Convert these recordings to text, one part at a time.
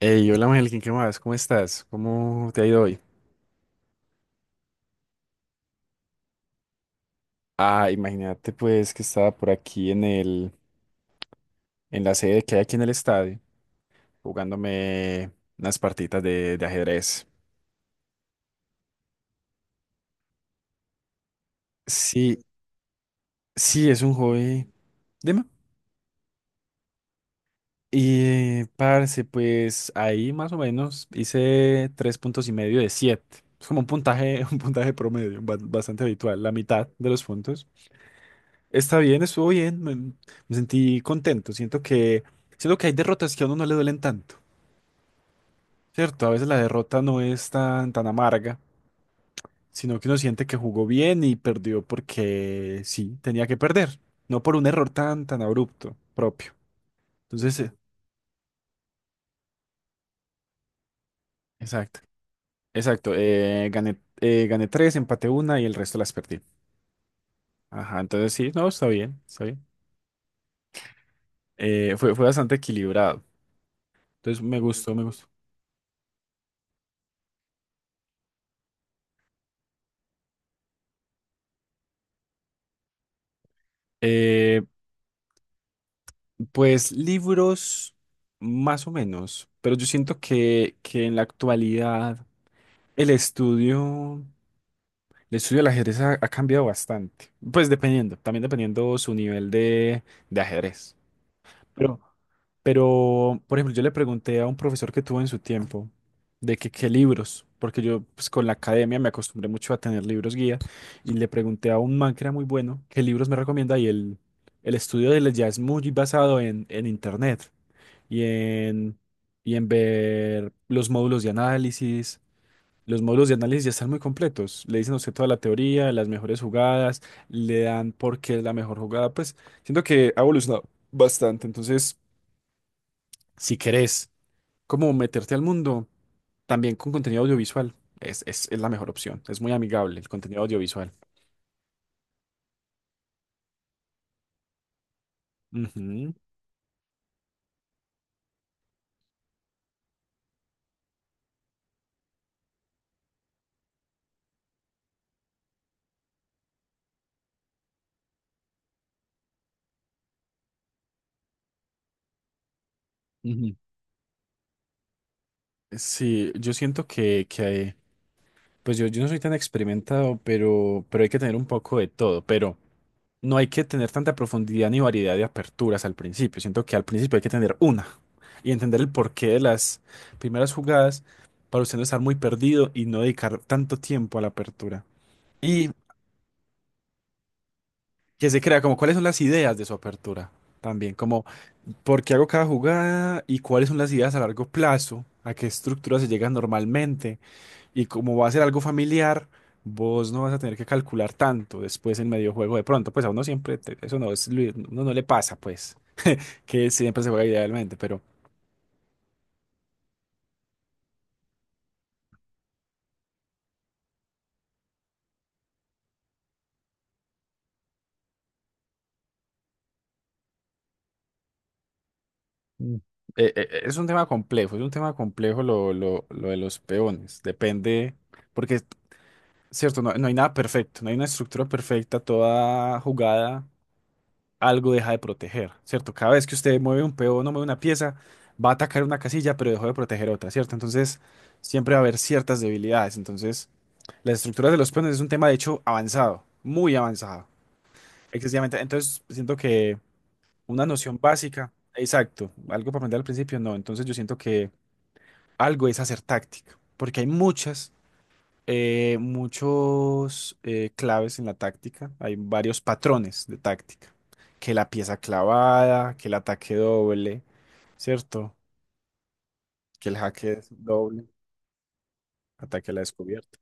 Hey, hola Ángel, ¿qué más? ¿Cómo estás? ¿Cómo te ha ido hoy? Ah, imagínate pues que estaba por aquí en la sede que hay aquí en el estadio, jugándome unas partitas de ajedrez. Sí, sí, es un hobby. Dime. Y parce, pues ahí más o menos hice 3,5 puntos de 7. Es como un puntaje, un puntaje promedio, bastante habitual, la mitad de los puntos. Está bien, estuvo bien, me sentí contento. Siento que hay derrotas que a uno no le duelen tanto, ¿cierto? A veces la derrota no es tan, tan amarga, sino que uno siente que jugó bien y perdió porque sí, tenía que perder, no por un error tan, tan abrupto propio. Entonces, exacto, exacto. Gané tres, empaté una y el resto las perdí. Ajá, entonces sí, no, está bien, está bien. Fue bastante equilibrado. Entonces me gustó, me gustó. Eh, Pues libros, más o menos, pero yo siento que en la actualidad el estudio, el estudio del ajedrez ha cambiado bastante. Pues dependiendo, también dependiendo su nivel de ajedrez. Pero, pero, por ejemplo, yo le pregunté a un profesor que tuvo en su tiempo de que qué libros, porque yo pues, con la academia me acostumbré mucho a tener libros guía, y le pregunté a un man que era muy bueno qué libros me recomienda y el estudio de él ya es muy basado en internet y en, y en ver los módulos de análisis. Los módulos de análisis ya están muy completos. Le dicen a usted toda la teoría, las mejores jugadas, le dan por qué es la mejor jugada. Pues siento que ha evolucionado bastante. Entonces, si querés como meterte al mundo, también con contenido audiovisual, es la mejor opción. Es muy amigable el contenido audiovisual. Ujú, ujú. Sí, yo siento que, pues yo no soy tan experimentado, pero hay que tener un poco de todo. Pero no hay que tener tanta profundidad ni variedad de aperturas al principio. Siento que al principio hay que tener una y entender el porqué de las primeras jugadas para usted no estar muy perdido y no dedicar tanto tiempo a la apertura. Y que se crea como cuáles son las ideas de su apertura también, como por qué hago cada jugada y cuáles son las ideas a largo plazo, a qué estructura se llega normalmente y como va a ser algo familiar. Vos no vas a tener que calcular tanto después en medio juego de pronto, pues a uno siempre, eso no es, uno no le pasa, pues. Que siempre se juega idealmente, pero. Mm. Es un tema complejo, es un tema complejo lo de los peones. Depende, porque cierto, no, no hay nada perfecto, no hay una estructura perfecta, toda jugada, algo deja de proteger, ¿cierto? Cada vez que usted mueve un peón o mueve una pieza, va a atacar una casilla, pero dejó de proteger otra, ¿cierto? Entonces, siempre va a haber ciertas debilidades. Entonces, las estructuras de los peones es un tema, de hecho, avanzado, muy avanzado. Excesivamente. Entonces, siento que. Una noción básica, exacto, algo para aprender al principio, no. Entonces yo siento que algo es hacer táctica, porque hay muchos claves en la táctica, hay varios patrones de táctica, que la pieza clavada, que el ataque doble, ¿cierto? Que el jaque es doble, ataque a la descubierta.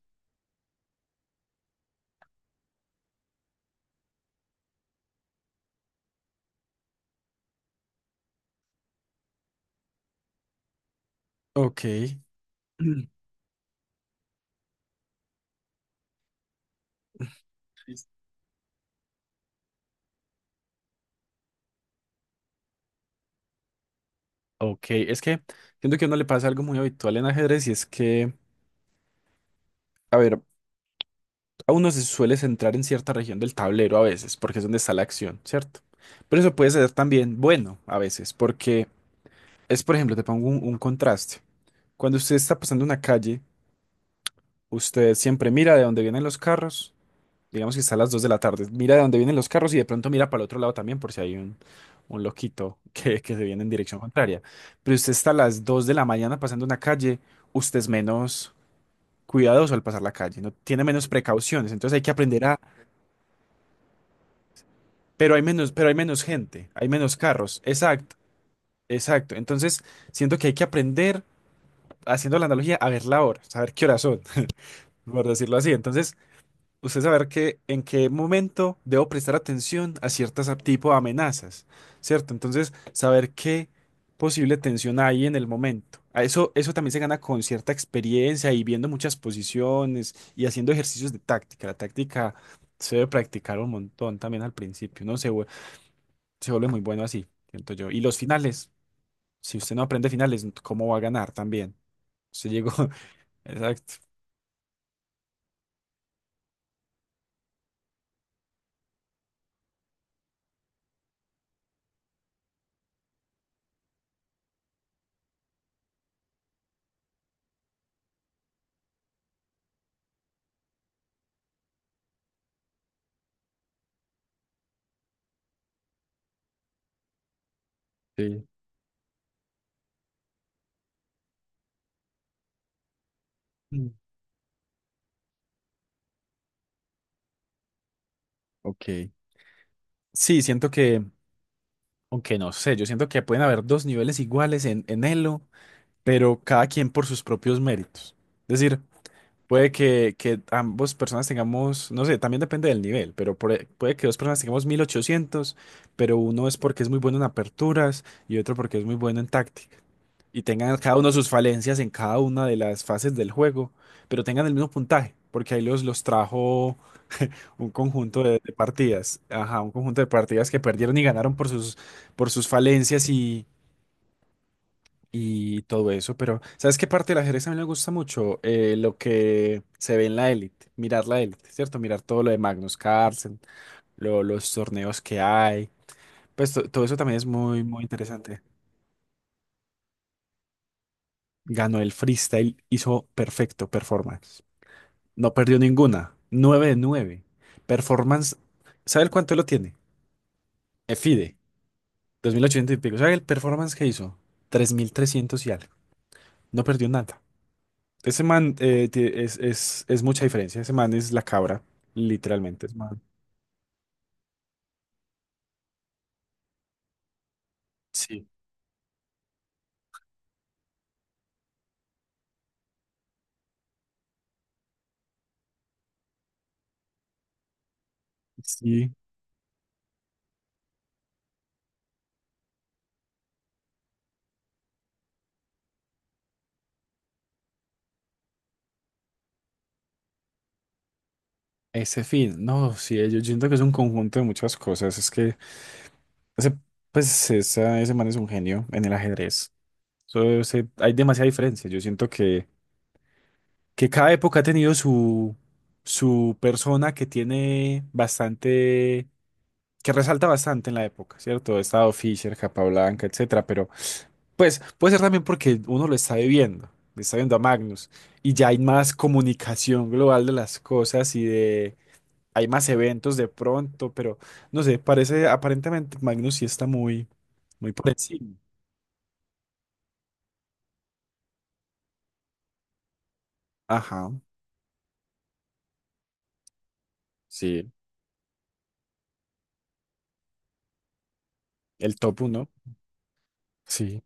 Ok. Ok, es que siento que a uno le pasa algo muy habitual en ajedrez y es que, a ver, a uno se suele centrar en cierta región del tablero a veces, porque es donde está la acción, ¿cierto? Pero eso puede ser también bueno a veces, porque por ejemplo, te pongo un contraste. Cuando usted está pasando una calle, usted siempre mira de dónde vienen los carros, digamos que está a las 2 de la tarde, mira de dónde vienen los carros y de pronto mira para el otro lado también por si hay un loquito que se viene en dirección contraria. Pero usted está a las 2 de la mañana pasando una calle, usted es menos cuidadoso al pasar la calle, no tiene menos precauciones, entonces hay que aprender a. Pero hay menos gente, hay menos carros. Exacto, exacto. Entonces, siento que hay que aprender, haciendo la analogía, a ver la hora, saber qué horas son, por decirlo así. Entonces, usted saber que en qué momento debo prestar atención a ciertas tipo de amenazas, ¿cierto? Entonces, saber qué posible tensión hay en el momento. A Eso, eso también se gana con cierta experiencia y viendo muchas posiciones y haciendo ejercicios de táctica. La táctica se debe practicar un montón también al principio. No sé, se vuelve muy bueno así, siento yo. Y los finales, si usted no aprende finales, ¿cómo va a ganar también? Usted llegó, exacto. Sí. Mm. Ok. Sí, siento que, aunque no sé, yo siento que pueden haber dos niveles iguales en Elo, pero cada quien por sus propios méritos. Es decir, puede que ambos personas tengamos, no sé, también depende del nivel, pero puede que dos personas tengamos 1800 pero uno es porque es muy bueno en aperturas y otro porque es muy bueno en táctica. Y tengan cada uno sus falencias en cada una de las fases del juego, pero tengan el mismo puntaje, porque ahí los trajo un conjunto de partidas, ajá, un conjunto de partidas que perdieron y ganaron por sus falencias y todo eso, pero ¿sabes qué parte del ajedrez a mí me gusta mucho? Lo que se ve en la élite, mirar la élite, ¿cierto? Mirar todo lo de Magnus Carlsen, los torneos que hay, pues todo eso también es muy, muy interesante. Ganó el freestyle, hizo perfecto performance. No perdió ninguna. 9 de 9. Performance. ¿Sabe el cuánto lo tiene? FIDE. 2800 y pico. ¿Sabe el performance que hizo? 3300 y algo. No perdió nada. Ese man es mucha diferencia. Ese man es la cabra. Literalmente. Es man. Sí. Sí. Ese fin. No, sí. Yo siento que es un conjunto de muchas cosas. Es que ese, pues, ese man es un genio en el ajedrez. So, hay demasiada diferencia. Yo siento que cada época ha tenido su persona que tiene bastante, que resalta bastante en la época, ¿cierto? Ha estado Fisher, Capablanca, etcétera, pero pues puede ser también porque uno lo está viviendo, lo está viendo a Magnus, y ya hay más comunicación global de las cosas hay más eventos de pronto, pero no sé, parece, aparentemente Magnus sí está muy, muy por encima. Ajá, sí, el top uno, sí.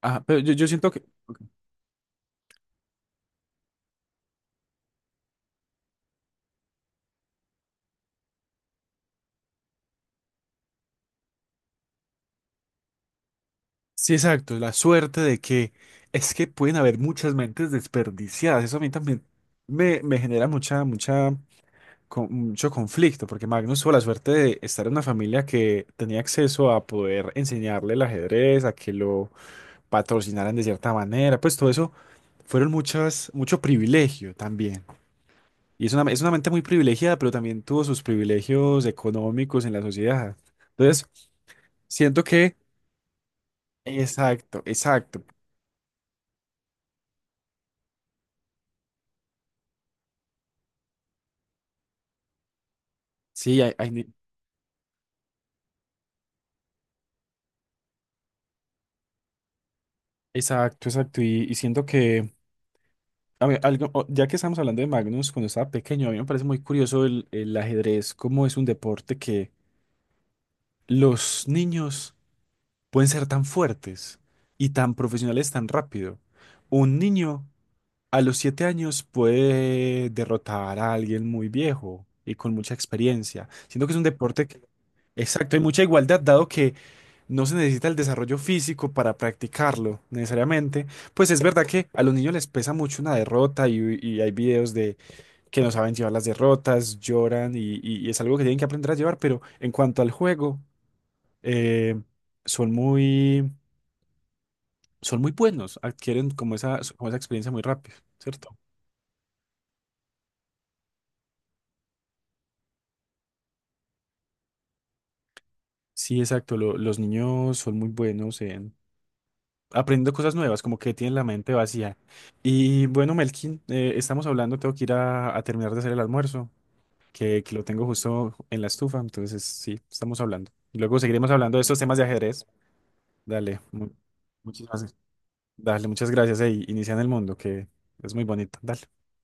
Ajá, pero yo siento que, sí, exacto, la suerte de que es que pueden haber muchas mentes desperdiciadas. Eso a mí también me genera mucho conflicto, porque Magnus tuvo la suerte de estar en una familia que tenía acceso a poder enseñarle el ajedrez, a que lo patrocinaran de cierta manera. Pues todo eso fueron mucho privilegio también. Y es una mente muy privilegiada, pero también tuvo sus privilegios económicos en la sociedad. Entonces, siento que... Exacto, exacto. Sí, hay. Exacto, exacto. Y siento que, a mí algo, ya que estamos hablando de Magnus, cuando estaba pequeño, a mí me parece muy curioso el ajedrez, cómo es un deporte que los niños pueden ser tan fuertes y tan profesionales tan rápido. Un niño a los 7 años puede derrotar a alguien muy viejo y con mucha experiencia. Siento que es un deporte que... Exacto, hay mucha igualdad, dado que no se necesita el desarrollo físico para practicarlo necesariamente. Pues es verdad que a los niños les pesa mucho una derrota y hay videos de que no saben llevar las derrotas, lloran y es algo que tienen que aprender a llevar, pero en cuanto al juego, eh, son muy, son muy buenos, adquieren como esa experiencia muy rápido, ¿cierto? Sí, exacto. Los niños son muy buenos en aprendiendo cosas nuevas, como que tienen la mente vacía. Y bueno, Melkin, estamos hablando, tengo que ir a terminar de hacer el almuerzo, que lo tengo justo en la estufa, entonces sí, estamos hablando. Y luego seguiremos hablando de estos temas de ajedrez. Dale, muchísimas, gracias. Dale, muchas gracias. Ey, inicia en el mundo, que es muy bonito. Dale.